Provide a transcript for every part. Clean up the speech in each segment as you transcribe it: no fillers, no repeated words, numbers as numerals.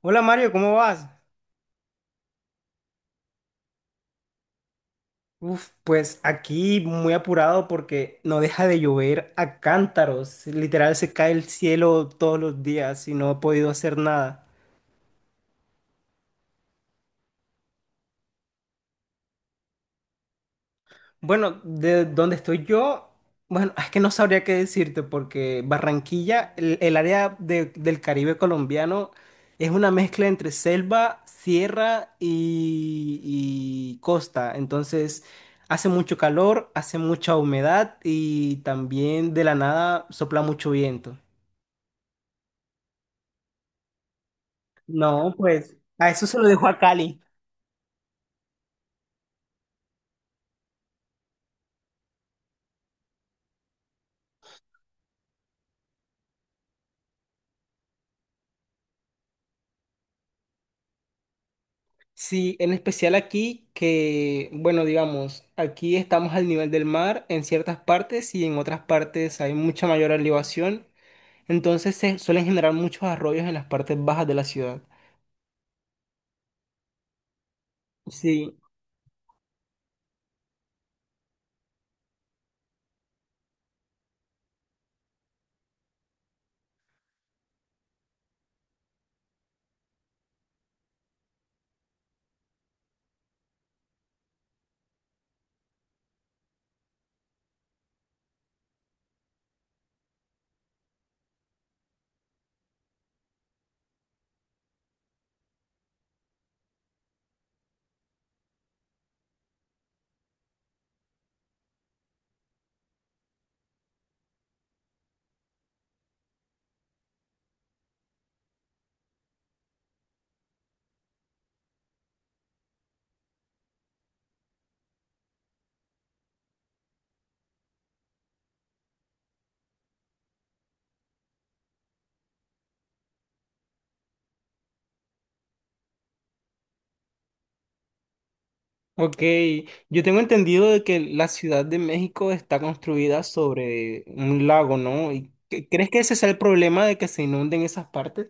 Hola Mario, ¿cómo vas? Uf, pues aquí muy apurado porque no deja de llover a cántaros. Literal se cae el cielo todos los días y no he podido hacer nada. Bueno, de donde estoy yo, bueno, es que no sabría qué decirte porque Barranquilla, el área del Caribe colombiano, es una mezcla entre selva, sierra y costa. Entonces, hace mucho calor, hace mucha humedad y también de la nada sopla mucho viento. No, pues a eso se lo dejo a Cali. Sí, en especial aquí que, bueno, digamos, aquí estamos al nivel del mar en ciertas partes y en otras partes hay mucha mayor elevación, entonces se suelen generar muchos arroyos en las partes bajas de la ciudad. Sí, ok. Yo tengo entendido de que la Ciudad de México está construida sobre un lago, ¿no? ¿Y crees que ese sea el problema de que se inunden esas partes?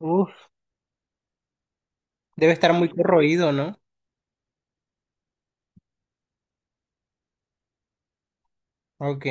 Uf, debe estar muy corroído, ¿no? Ok,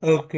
ok.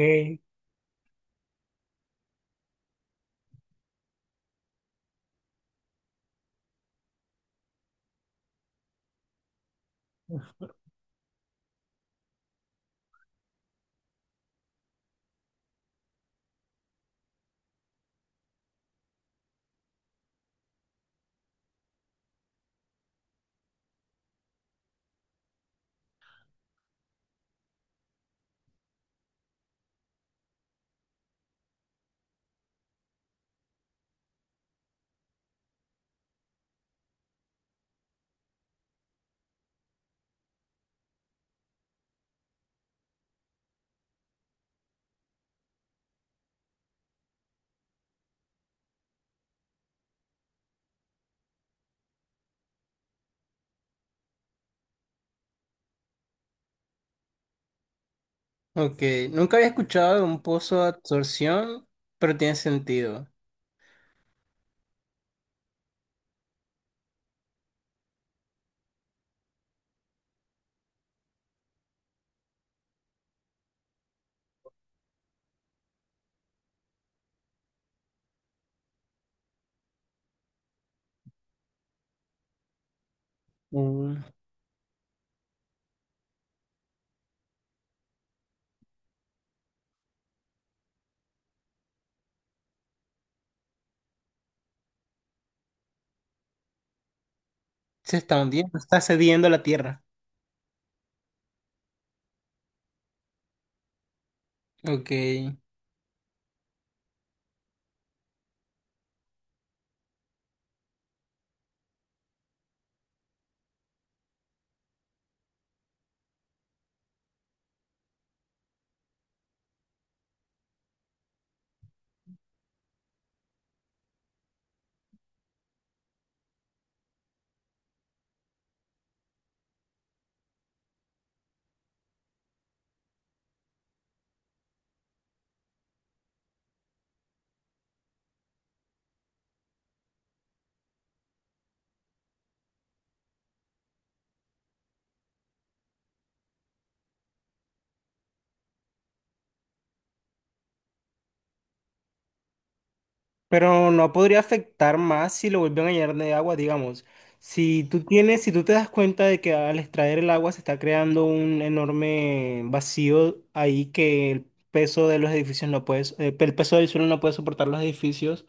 Ok, nunca había escuchado de un pozo de absorción, pero tiene sentido. Mm, se está hundiendo, está cediendo la tierra. Ok, pero no podría afectar más si lo vuelven a llenar de agua, digamos. Si tú tienes, si tú te das cuenta de que al extraer el agua se está creando un enorme vacío ahí que el peso de los edificios no puede, el peso del suelo no puede soportar los edificios.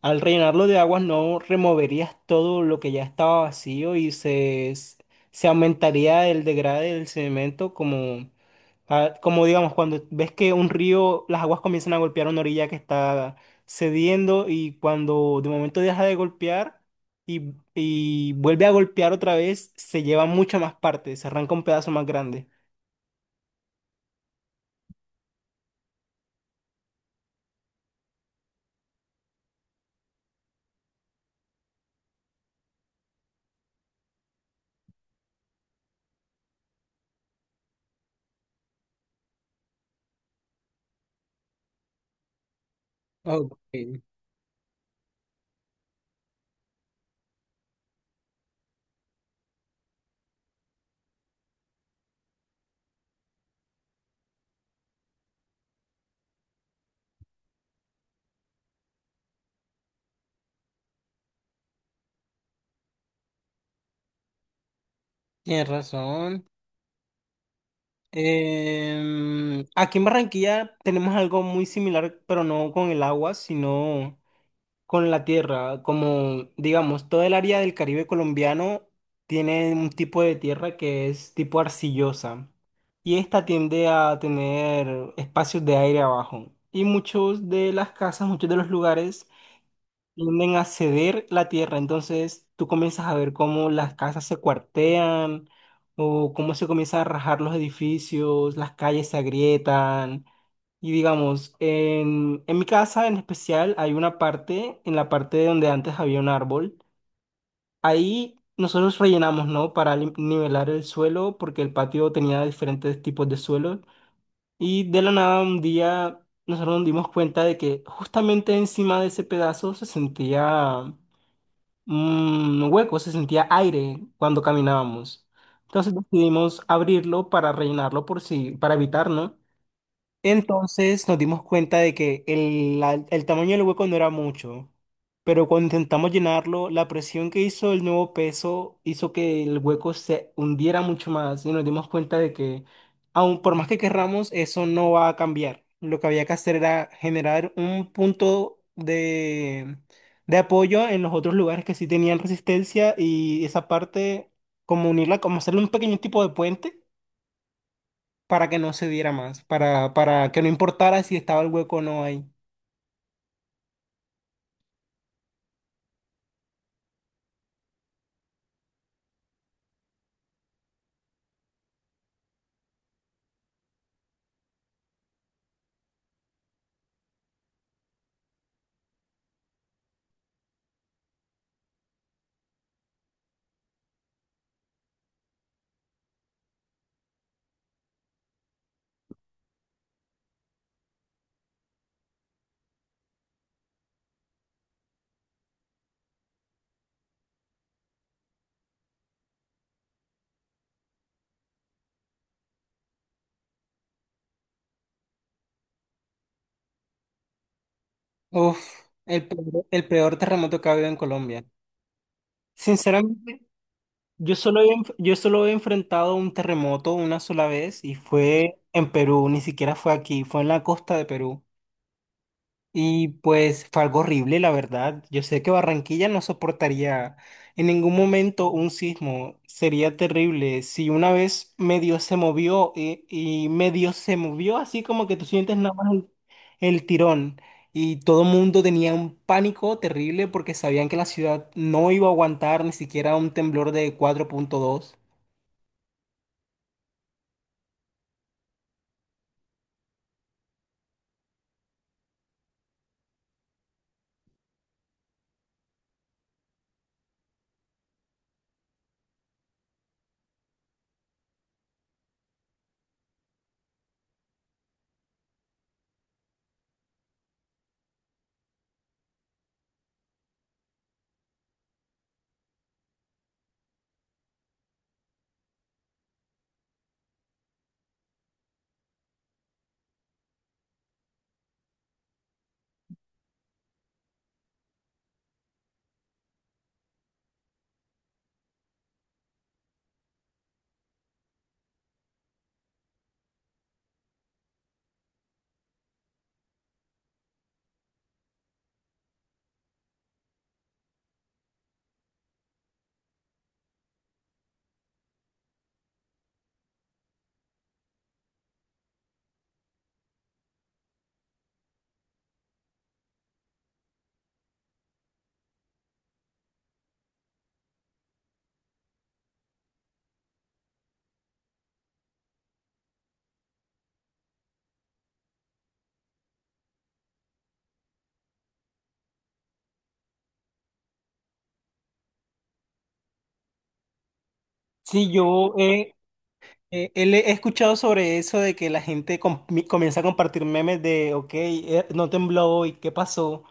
Al rellenarlo de aguas no removerías todo lo que ya estaba vacío y se aumentaría el degrade del cemento como, ah, como digamos cuando ves que un río, las aguas comienzan a golpear una orilla que está cediendo y cuando de momento deja de golpear y vuelve a golpear otra vez, se lleva mucho más parte, se arranca un pedazo más grande. Ok, tienes razón. Aquí en Barranquilla tenemos algo muy similar, pero no con el agua, sino con la tierra. Como, digamos, todo el área del Caribe colombiano tiene un tipo de tierra que es tipo arcillosa. Y esta tiende a tener espacios de aire abajo. Y muchos de las casas, muchos de los lugares tienden a ceder la tierra, entonces tú comienzas a ver cómo las casas se cuartean o cómo se comienzan a rajar los edificios, las calles se agrietan. Y digamos, en mi casa en especial hay una parte, en la parte donde antes había un árbol, ahí nosotros rellenamos, ¿no? Para nivelar el suelo, porque el patio tenía diferentes tipos de suelo. Y de la nada un día nosotros nos dimos cuenta de que justamente encima de ese pedazo se sentía un hueco, se sentía aire cuando caminábamos. Entonces decidimos abrirlo para rellenarlo por si, para evitar, ¿no? Entonces nos dimos cuenta de que el tamaño del hueco no era mucho, pero cuando intentamos llenarlo, la presión que hizo el nuevo peso hizo que el hueco se hundiera mucho más y nos dimos cuenta de que, aun por más que querramos, eso no va a cambiar. Lo que había que hacer era generar un punto de apoyo en los otros lugares que sí tenían resistencia y esa parte, como unirla, como hacerle un pequeño tipo de puente para que no se diera más, para que no importara si estaba el hueco o no ahí. Uf, el peor terremoto que ha habido en Colombia. Sinceramente, yo solo he enfrentado un terremoto una sola vez y fue en Perú, ni siquiera fue aquí, fue en la costa de Perú. Y pues fue algo horrible, la verdad. Yo sé que Barranquilla no soportaría en ningún momento un sismo. Sería terrible. Si una vez medio se movió medio se movió, así como que tú sientes nada más el tirón. Y todo el mundo tenía un pánico terrible porque sabían que la ciudad no iba a aguantar ni siquiera un temblor de 4.2. Sí, yo he. He escuchado sobre eso de que la gente comienza a compartir memes de, ok, no tembló hoy, ¿qué pasó?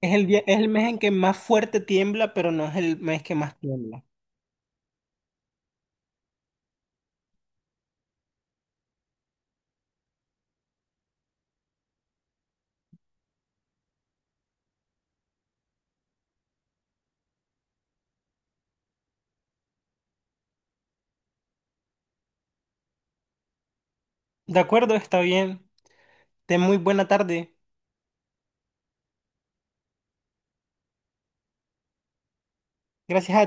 Es el, es el mes en que más fuerte tiembla, pero no es el mes que más tiembla. De acuerdo, está bien. Ten muy buena tarde. Gracias a ti.